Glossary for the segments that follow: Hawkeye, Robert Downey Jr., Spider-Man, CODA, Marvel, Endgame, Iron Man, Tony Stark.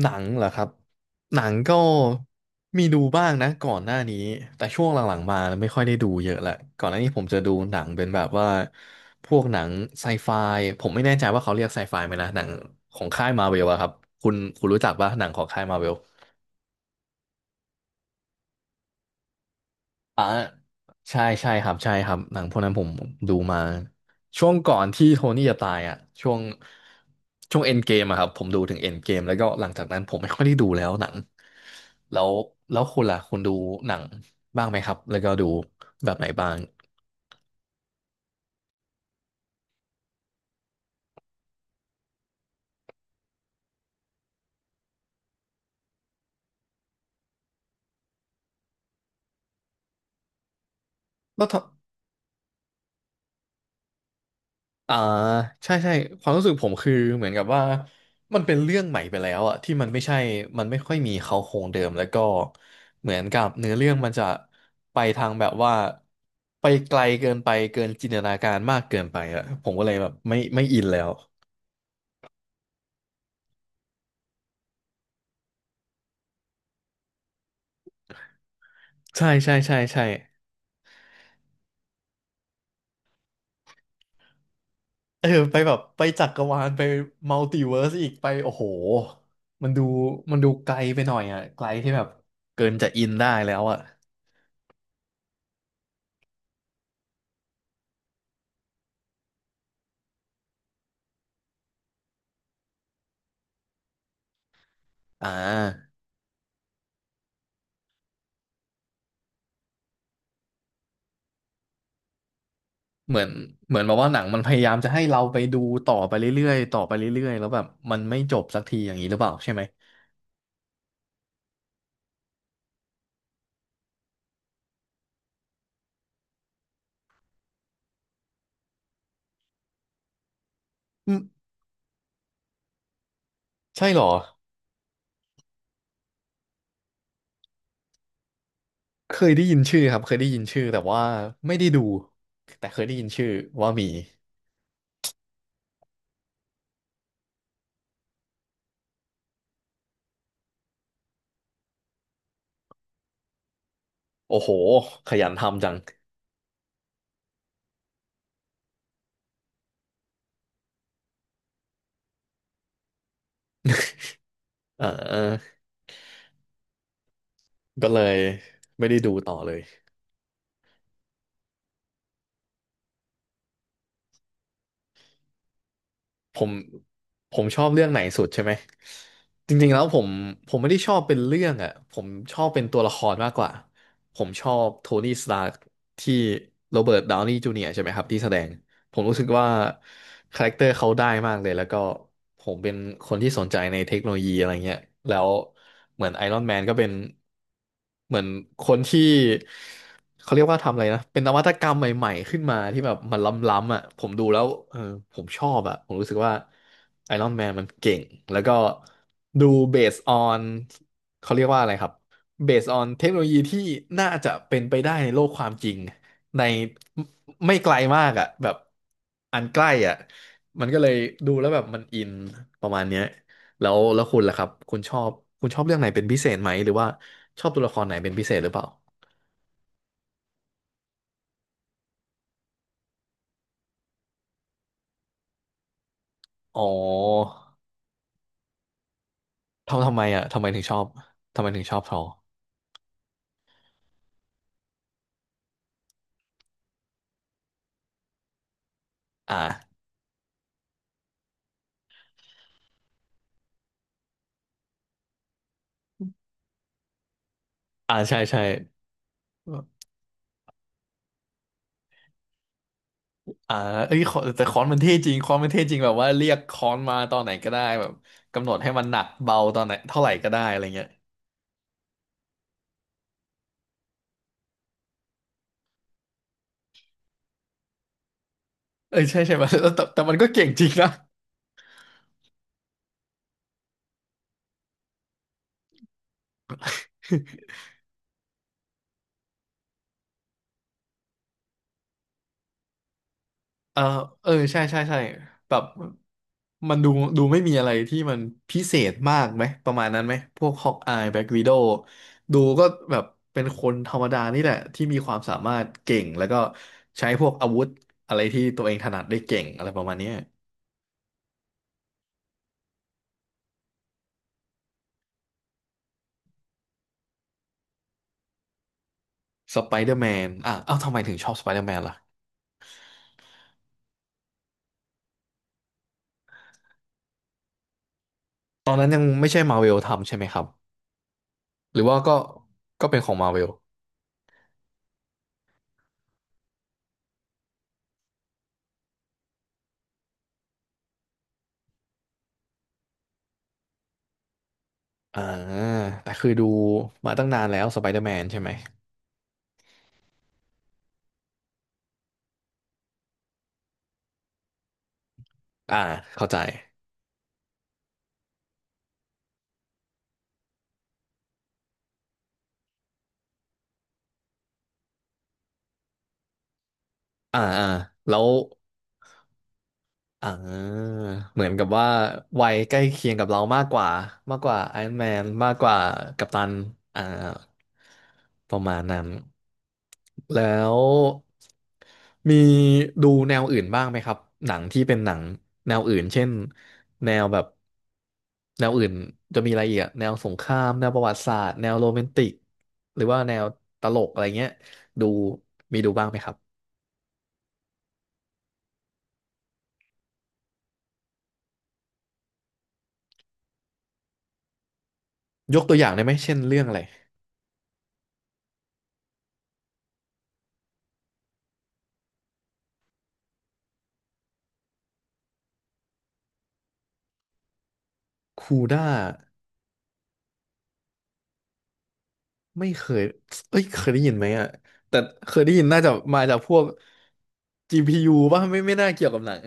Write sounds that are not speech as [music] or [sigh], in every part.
หนังเหรอครับหนังก็มีดูบ้างนะก่อนหน้านี้แต่ช่วงหลังๆมาไม่ค่อยได้ดูเยอะละก่อนหน้านี้ผมจะดูหนังเป็นแบบว่าพวกหนังไซไฟผมไม่แน่ใจว่าเขาเรียกไซไฟไหมนะหนังของค่ายมาเวลอะครับคุณรู้จักป่ะหนังของค่ายมาเวล อ่าใช่ใช่ครับใช่ครับหนังพวกนั้นผมดูมาช่วงก่อนที่โทนี่จะตายอ่ะช่วงช่วงเอ็นเกมอะครับผมดูถึงเอ็นเกมแล้วก็หลังจากนั้นผมไม่ค่อยได้ดูแล้วหนังแล้วคุณล่ะคุณดูหนังบ้างไหมครับแล้วก็ดูแบบไหนบ้างแล้ว อ่าใช่ใช่ความรู้สึกผมคือเหมือนกับว่ามันเป็นเรื่องใหม่ไปแล้วอะที่มันไม่ใช่มันไม่ค่อยมีเขาโครงเดิมแล้วก็เหมือนกับเนื้อเรื่องมันจะไปทางแบบว่าไปไกลเกินไปเกินจินตนาการมากเกินไปอะผมก็เลยแบบไม่อินแล้วใช่ใช่ใช่ใช่เออไปแบบไปจักรวาลไปมัลติเวิร์สอีกไปโอ้โหมันดูมันดูไกลไปหน่อยอะไกลที่แบบเกินจะอินได้แล้วอะอ่า เหมือนเหมือนแบบว่าหนังมันพยายามจะให้เราไปดูต่อไปเรื่อยๆต่อไปเรื่อยๆแล้วแบบมันไม่จบสักทีอย่างนี้หรือเปล่าใช่ไหมอืมใช่เหรอเคยได้ยินชื่อครับเคยได้ยินชื่อแต่ว่าไม่ได้ดูแต่เคยได้ยินชื่อว่ามีโอ้โหขยันทำจังเออก็เลยไม่ได้ดูต่อเลย ผมผมชอบเรื่องไหนสุดใช่ไหมจริงๆแล้วผมไม่ได้ชอบเป็นเรื่องอ่ะผมชอบเป็นตัวละครมากกว่าผมชอบโทนี่สตาร์ที่โรเบิร์ตดาวนีย์จูเนียร์ใช่ไหมครับที่แสดง ผมรู้สึกว่าคาแรคเตอร์เขาได้มากเลยแล้วก็ผมเป็นคนที่สนใจในเทคโนโลยีอะไรเงี้ยแล้วเหมือนไอรอนแมนก็เป็นเหมือนคนที่เขาเรียกว่าทำอะไรนะเป็นนวัตกรรมใหม่ๆขึ้นมาที่แบบมันล้ำๆอ่ะผมดูแล้วเออผมชอบอ่ะผมรู้สึกว่าไอรอนแมนมันเก่งแล้วก็ดูเบสออนเขาเรียกว่าอะไรครับเบสออนเทคโนโลยีที่น่าจะเป็นไปได้ในโลกความจริง ในไม่ไกลมากอ่ะแบบอันใกล้อ่ะมันก็เลยดูแล้วแบบมันอินประมาณเนี้ยแล้วคุณล่ะครับคุณชอบเรื่องไหนเป็นพิเศษไหมหรือว่าชอบตัวละครไหนเป็นพิเศษหรือเปล่าอ๋อทำไมอ่ะทำไมถึงชอบทำไมถึงชอบทออ่าอ่าใช่ใช่อ่าเอ้ยขอแต่ค้อนมันเท่จริงค้อนมันเท่จริงแบบว่าเรียกค้อนมาตอนไหนก็ได้แบบกำหนดให้มันหนักเบาตอนไหนเท่าไหร่ก็ได้อะไรเงี้ยเออใช่ใช่ [laughs] ไหมแต่มันก็เก่งจริงนะ เออ เออ ใช่ใช่ใช่แบบ มันดู ดูไม่มีอะไรที่มัน พิเศษมากไหม ประมาณนั้นไหม พวกฮอกอายแบ็กวีโดดูก็แบบ เป็นคนธรรมดานี่แหละ ที่มีความสามารถเก่ง แล้วก็ ใช้พวกอาวุธ อะไรที่ตัวเองถนัดได้เก่ง อะไรประมาณเนี้ยสไปเดอร์แมนอ่ะเอ้าทำไมถึงชอบสไปเดอร์แมนล่ะ ตอนนั้นยังไม่ใช่มาเวลทำใช่ไหมครับหรือว่าก็ก็เป็นของมาเวลอ่าแต่คือดูมาตั้งนานแล้วสไปเดอร์แมนใช่ไหมอ่าเข้าใจ อ่าอ่าแล้วอ่าเหมือนกับว่าวัยใกล้เคียงกับเรามากกว่ามากกว่าไอรอนแมนมากกว่ากัปตันอ่าประมาณนั้นแล้วมีดูแนวอื่นบ้างไหมครับหนังที่เป็นหนังแนวอื่นเช่นแนวแบบแนวอื่นจะมีอะไรอีกอะแนวสงครามแนวประวัติศาสตร์แนวโรแมนติกหรือว่าแนวตลกอะไรเงี้ยดูมีดูบ้างไหมครับยกตัวอย่างได้ไหมเช่นเรื่องอะไร คูด้าไม่เคยเอ้ยเคยได้ยินไหมอ่ะแต่เคยได้ยินน่าจะมาจากพวก GPU ป่ะไม่น่าเกี่ยวกับหนัง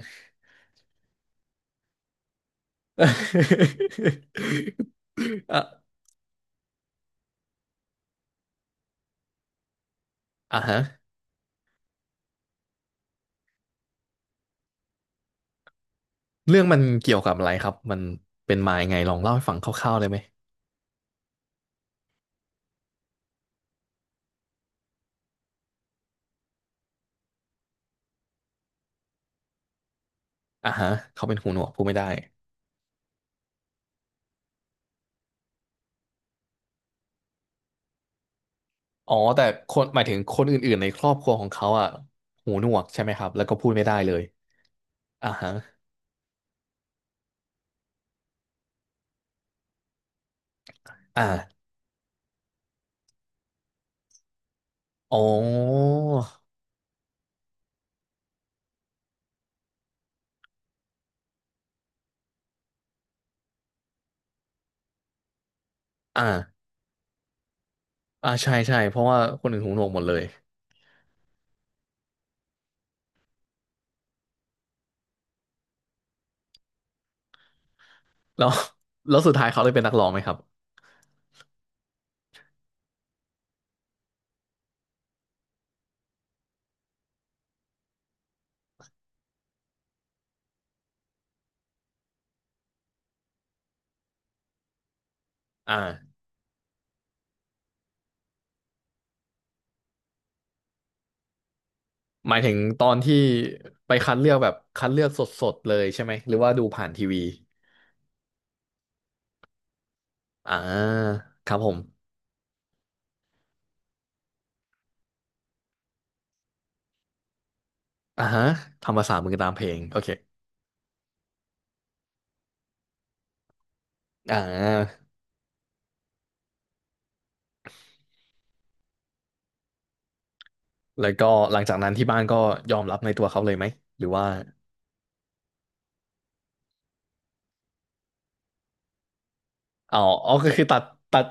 [laughs] อ่ะอ่ะฮะเรื่องมันเกี่ยวกับอะไรครับมันเป็นมายังไงลองเล่าให้ฟังคร่าวๆได้ไหมอ่ะฮะเขาเป็นหูหนวกพูดไม่ได้อ๋อแต่คนหมายถึงคนอื่นๆในครอบครัวของเขาอ่ะหูหนวกใช่ไหมครับแล้วก็พูดไม่ได้เลยอ่ะฮะอ่าอ๋ออ่าอ่าใช่ใช่เพราะว่าคนอื่นหูหนวกหมดเลย แล้ว [laughs] แล้วสุดท้ายเขาได้เป็นนักร้องไหมครับอ่าหมายถึงตอนที่ไปคัดเลือกแบบคัดเลือกสดๆเลยใช่ไหมหรือว่าดูผ่านทีวีอ่าครับผมอ่าฮะทำภาษามือตามเพลงโอเคอ่าแล้วก็หลังจากนั้นที่บ้านก็ยอมรับในตัวเขาเลยไหมหรือว่าเอาอ๋อก็คือตัด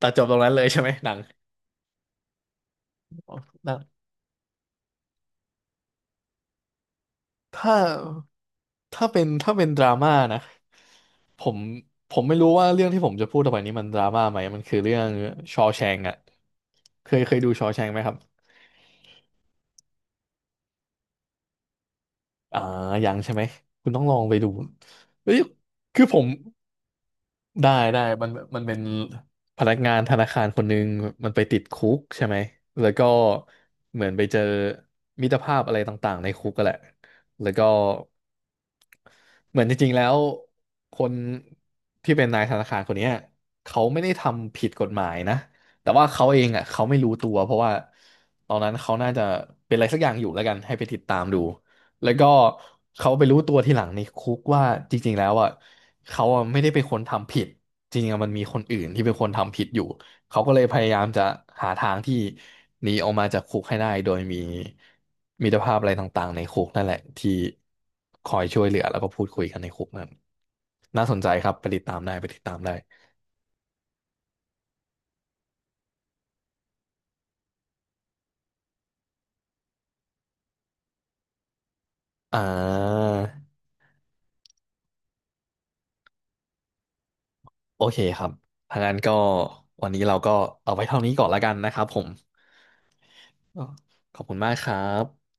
ตัดจบตรงนั้นเลยใช่ไหมหนัง [laughs] อ๋อหนังถ้า ถ้าเป็นดราม่านะผมผมไม่รู้ว่าเรื่องที่ผมจะพูดต่อไปนี้มันดราม่าไหมมันคือเรื่องชอ w แชง k อะเคยดูชอ w แชง k ไหมครับอ่ายังใช่ไหมคุณต้องลองไปดูเฮ้ยคือผม ได้ได้มันมันเป็นพนักงานธนาคารคนหนึ่งมันไปติดคุกใช่ไหมแล้วก็เหมือนไปเจอมิตรภาพอะไรต่างๆในคุกก็แหละแล้วก็เหมือนจริงๆแล้วคนที่เป็นนายธนาคารคนเนี้ยเขาไม่ได้ทำผิดกฎหมายนะแต่ว่าเขาเองอ่ะเขาไม่รู้ตัวเพราะว่าตอนนั้นเขาน่าจะเป็นอะไรสักอย่างอยู่แล้วกันให้ไปติดตามดู แล้วก็เขาไปรู้ตัวทีหลังในคุกว่าจริงๆแล้วอ่ะเขาอะไม่ได้เป็นคนทำผิดจริงๆอะมันมีคนอื่นที่เป็นคนทำผิดอยู่เขาก็เลยพยายามจะหาทางที่หนีออกมาจากคุกให้ได้โดยมีมิตรภาพอะไรต่างๆในคุกนั่นแหละที่คอยช่วยเหลือแล้วก็พูดคุยกันในคุกนั่นน่าสนใจครับไปติดตามได้ไปติดตามได้อ่าโอเคครับทางนั้นก็วันนี้เราก็เอาไว้เท่านี้ก่อนละกันนะครับผมก็ขอบคุณมากครับ